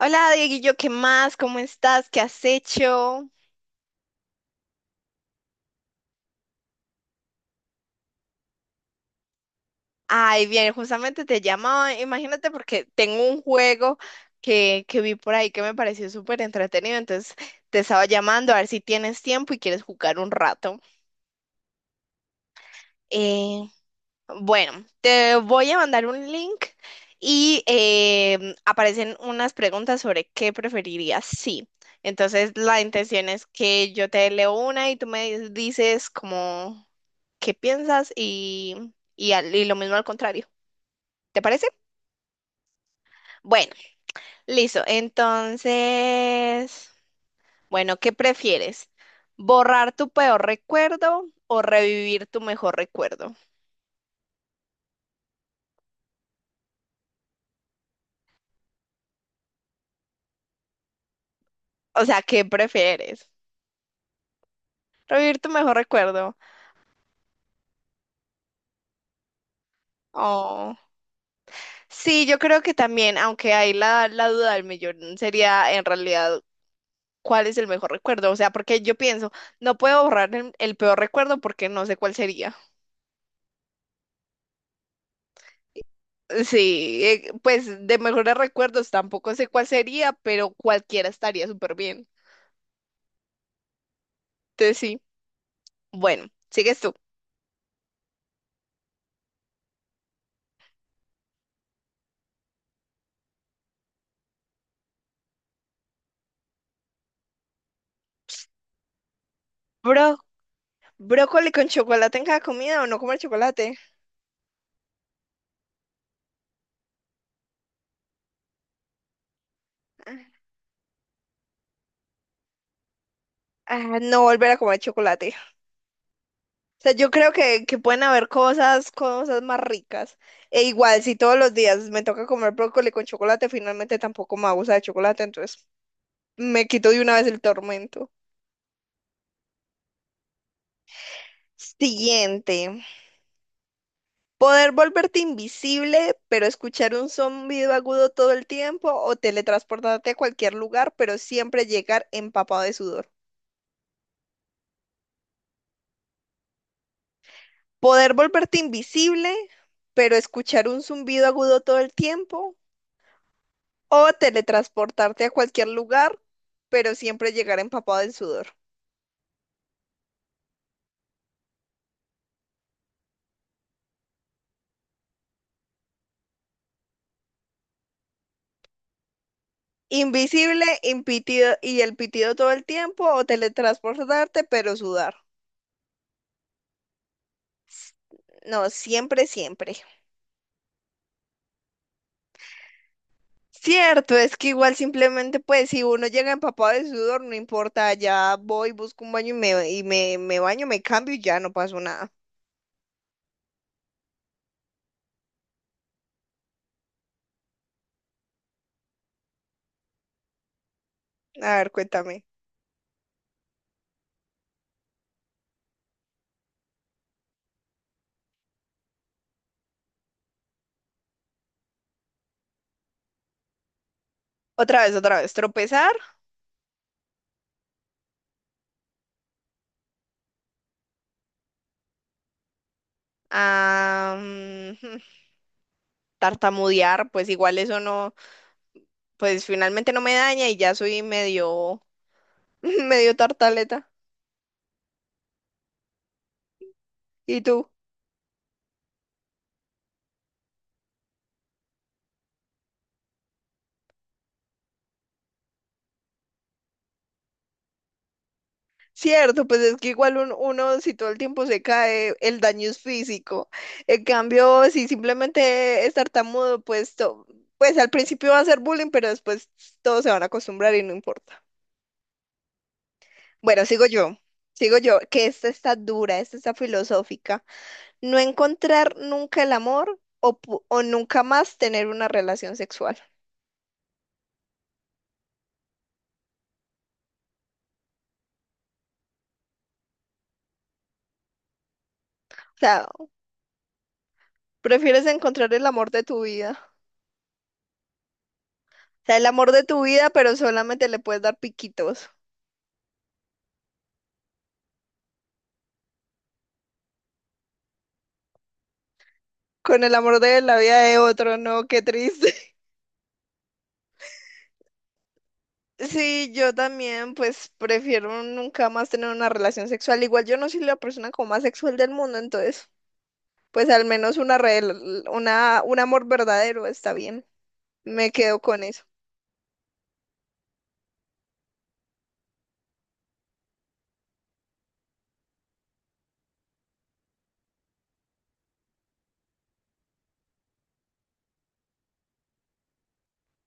Hola, Dieguillo, ¿qué más? ¿Cómo estás? ¿Qué has hecho? Ay, bien, justamente te llamaba, imagínate porque tengo un juego que vi por ahí que me pareció súper entretenido, entonces te estaba llamando a ver si tienes tiempo y quieres jugar un rato. Eh, Bueno, te voy a mandar un link y aparecen unas preguntas sobre qué preferirías. Sí. Entonces, la intención es que yo te leo una y tú me dices como qué piensas y lo mismo al contrario. ¿Te parece? Bueno, listo. Entonces, bueno, ¿qué prefieres? ¿Borrar tu peor recuerdo o revivir tu mejor recuerdo? O sea, ¿qué prefieres? Revivir tu mejor recuerdo. Oh. Sí, yo creo que también, aunque hay la duda del millón, sería en realidad cuál es el mejor recuerdo. O sea, porque yo pienso, no puedo borrar el peor recuerdo porque no sé cuál sería. Sí, pues de mejores recuerdos tampoco sé cuál sería, pero cualquiera estaría súper bien. Entonces sí. Bueno, sigues tú. Bro, ¿brócoli con chocolate en cada comida o no comer chocolate? Ah, no volver a comer chocolate. O sea, yo creo que pueden haber cosas, cosas más ricas. E igual, si todos los días me toca comer brócoli con chocolate, finalmente tampoco me abusa de chocolate, entonces me quito de una vez el tormento. Siguiente. Poder volverte invisible, pero escuchar un zumbido agudo todo el tiempo, o teletransportarte a cualquier lugar, pero siempre llegar empapado de sudor. Poder volverte invisible, pero escuchar un zumbido agudo todo el tiempo. O teletransportarte a cualquier lugar, pero siempre llegar empapado en sudor. Invisible, impitido y el pitido todo el tiempo, o teletransportarte, pero sudar. No, siempre, siempre. Cierto, es que igual simplemente, pues, si uno llega empapado de sudor, no importa, ya voy, busco un baño me baño, me cambio y ya no pasó nada. A ver, cuéntame. Otra vez, tropezar, ah, mm, tartamudear, pues igual eso no, pues finalmente no me daña y ya soy medio, medio tartaleta. ¿Y tú? Cierto, pues es que igual uno si todo el tiempo se cae, el daño es físico. En cambio, si simplemente es tartamudo, pues al principio va a ser bullying, pero después todos se van a acostumbrar y no importa. Bueno, sigo yo, que esta está dura, esta está filosófica. No encontrar nunca el amor o nunca más tener una relación sexual. O sea, prefieres encontrar el amor de tu vida. O sea, el amor de tu vida, pero solamente le puedes dar piquitos. Con el amor de la vida de otro, no, qué triste. Sí, yo también, pues prefiero nunca más tener una relación sexual. Igual yo no soy la persona como más sexual del mundo, entonces, pues al menos un amor verdadero está bien. Me quedo con eso.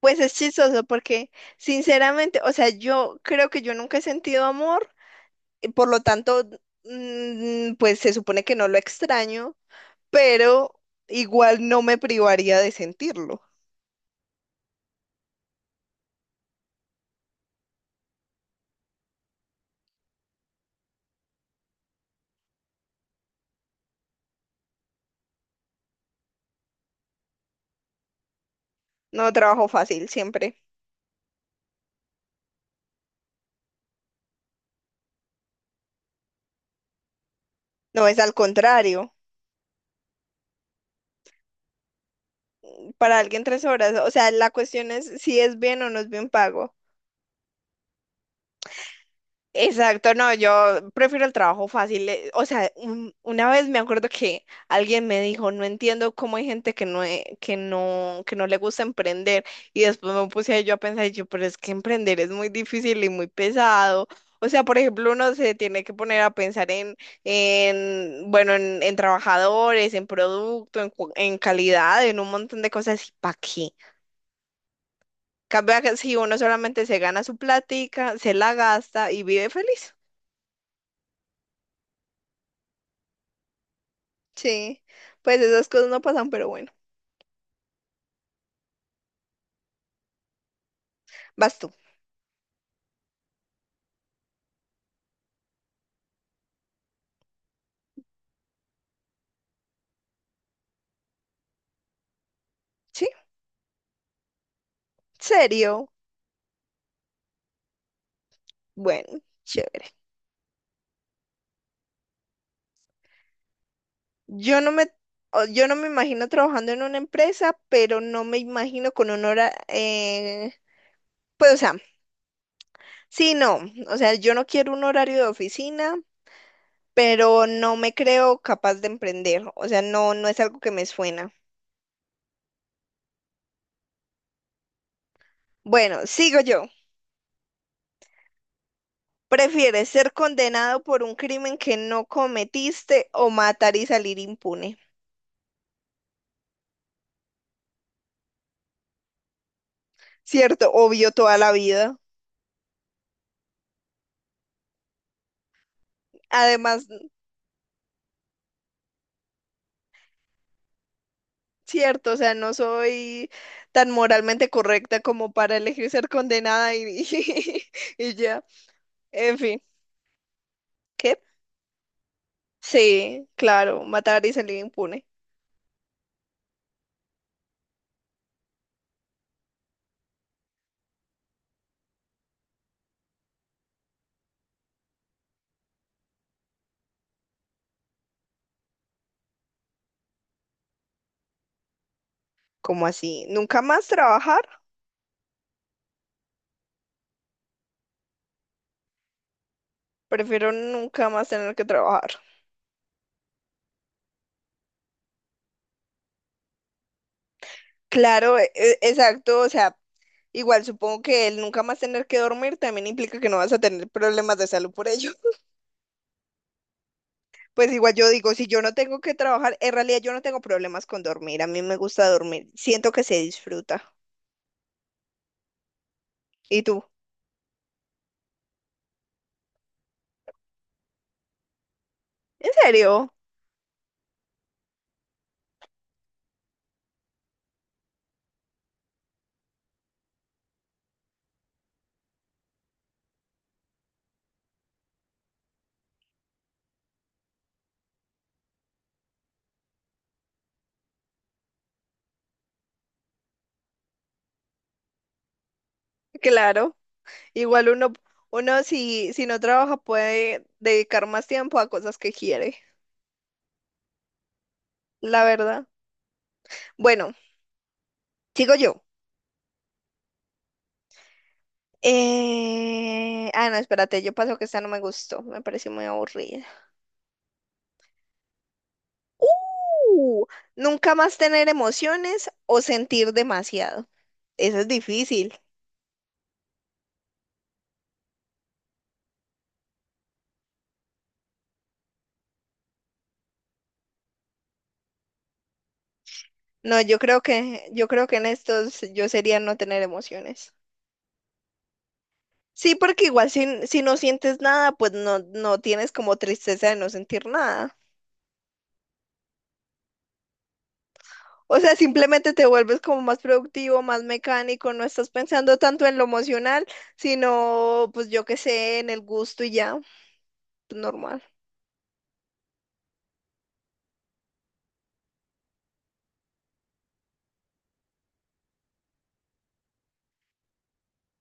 Pues es chistoso porque, sinceramente, o sea, yo creo que yo nunca he sentido amor. Y por lo tanto, pues se supone que no lo extraño, pero igual no me privaría de sentirlo. No, trabajo fácil siempre. No, es al contrario. Para alguien tres horas, o sea, la cuestión es si es bien o no es bien pago. Exacto, no, yo prefiero el trabajo fácil. O sea, una vez me acuerdo que alguien me dijo, no entiendo cómo hay gente que no, e- que no le gusta emprender. Y después me puse yo a pensar, y yo, pero es que emprender es muy difícil y muy pesado. O sea, por ejemplo, uno se tiene que poner a pensar en trabajadores, en producto, en calidad, en un montón de cosas. ¿Y para qué? Cambia que si uno solamente se gana su plática, se la gasta y vive feliz. Sí, pues esas cosas no pasan, pero bueno, vas tú, ¿sí? ¿Serio? Bueno, chévere. Yo no me, yo no me imagino trabajando en una empresa, pero no me imagino con un hora, pues o sea, sí, no, o sea, yo no quiero un horario de oficina, pero no me creo capaz de emprender, o sea, no, no es algo que me suena. Bueno, sigo yo. ¿Prefieres ser condenado por un crimen que no cometiste o matar y salir impune? Cierto, obvio toda la vida. Además, cierto, o sea, no soy tan moralmente correcta como para elegir ser condenada y, y ya. En fin, ¿qué? Sí, claro, matar y salir impune. ¿Cómo así? ¿Nunca más trabajar? Prefiero nunca más tener que trabajar. Claro, exacto, o sea, igual supongo que el nunca más tener que dormir también implica que no vas a tener problemas de salud por ello. Pues igual yo digo, si yo no tengo que trabajar, en realidad yo no tengo problemas con dormir, a mí me gusta dormir, siento que se disfruta. ¿Y tú? ¿En serio? Claro. Igual uno, uno si no trabaja puede dedicar más tiempo a cosas que quiere, la verdad. Bueno, sigo yo. No, espérate, yo paso que esta no me gustó, me pareció muy aburrida. ¡Uh! Nunca más tener emociones o sentir demasiado. Eso es difícil. No, yo creo que en estos yo sería no tener emociones. Sí, porque igual si no sientes nada, pues no, no tienes como tristeza de no sentir nada. O sea, simplemente te vuelves como más productivo, más mecánico, no estás pensando tanto en lo emocional, sino pues yo qué sé, en el gusto y ya, pues, normal.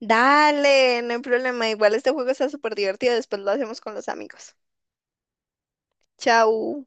Dale, no hay problema, igual este juego está súper divertido, después lo hacemos con los amigos. Chau.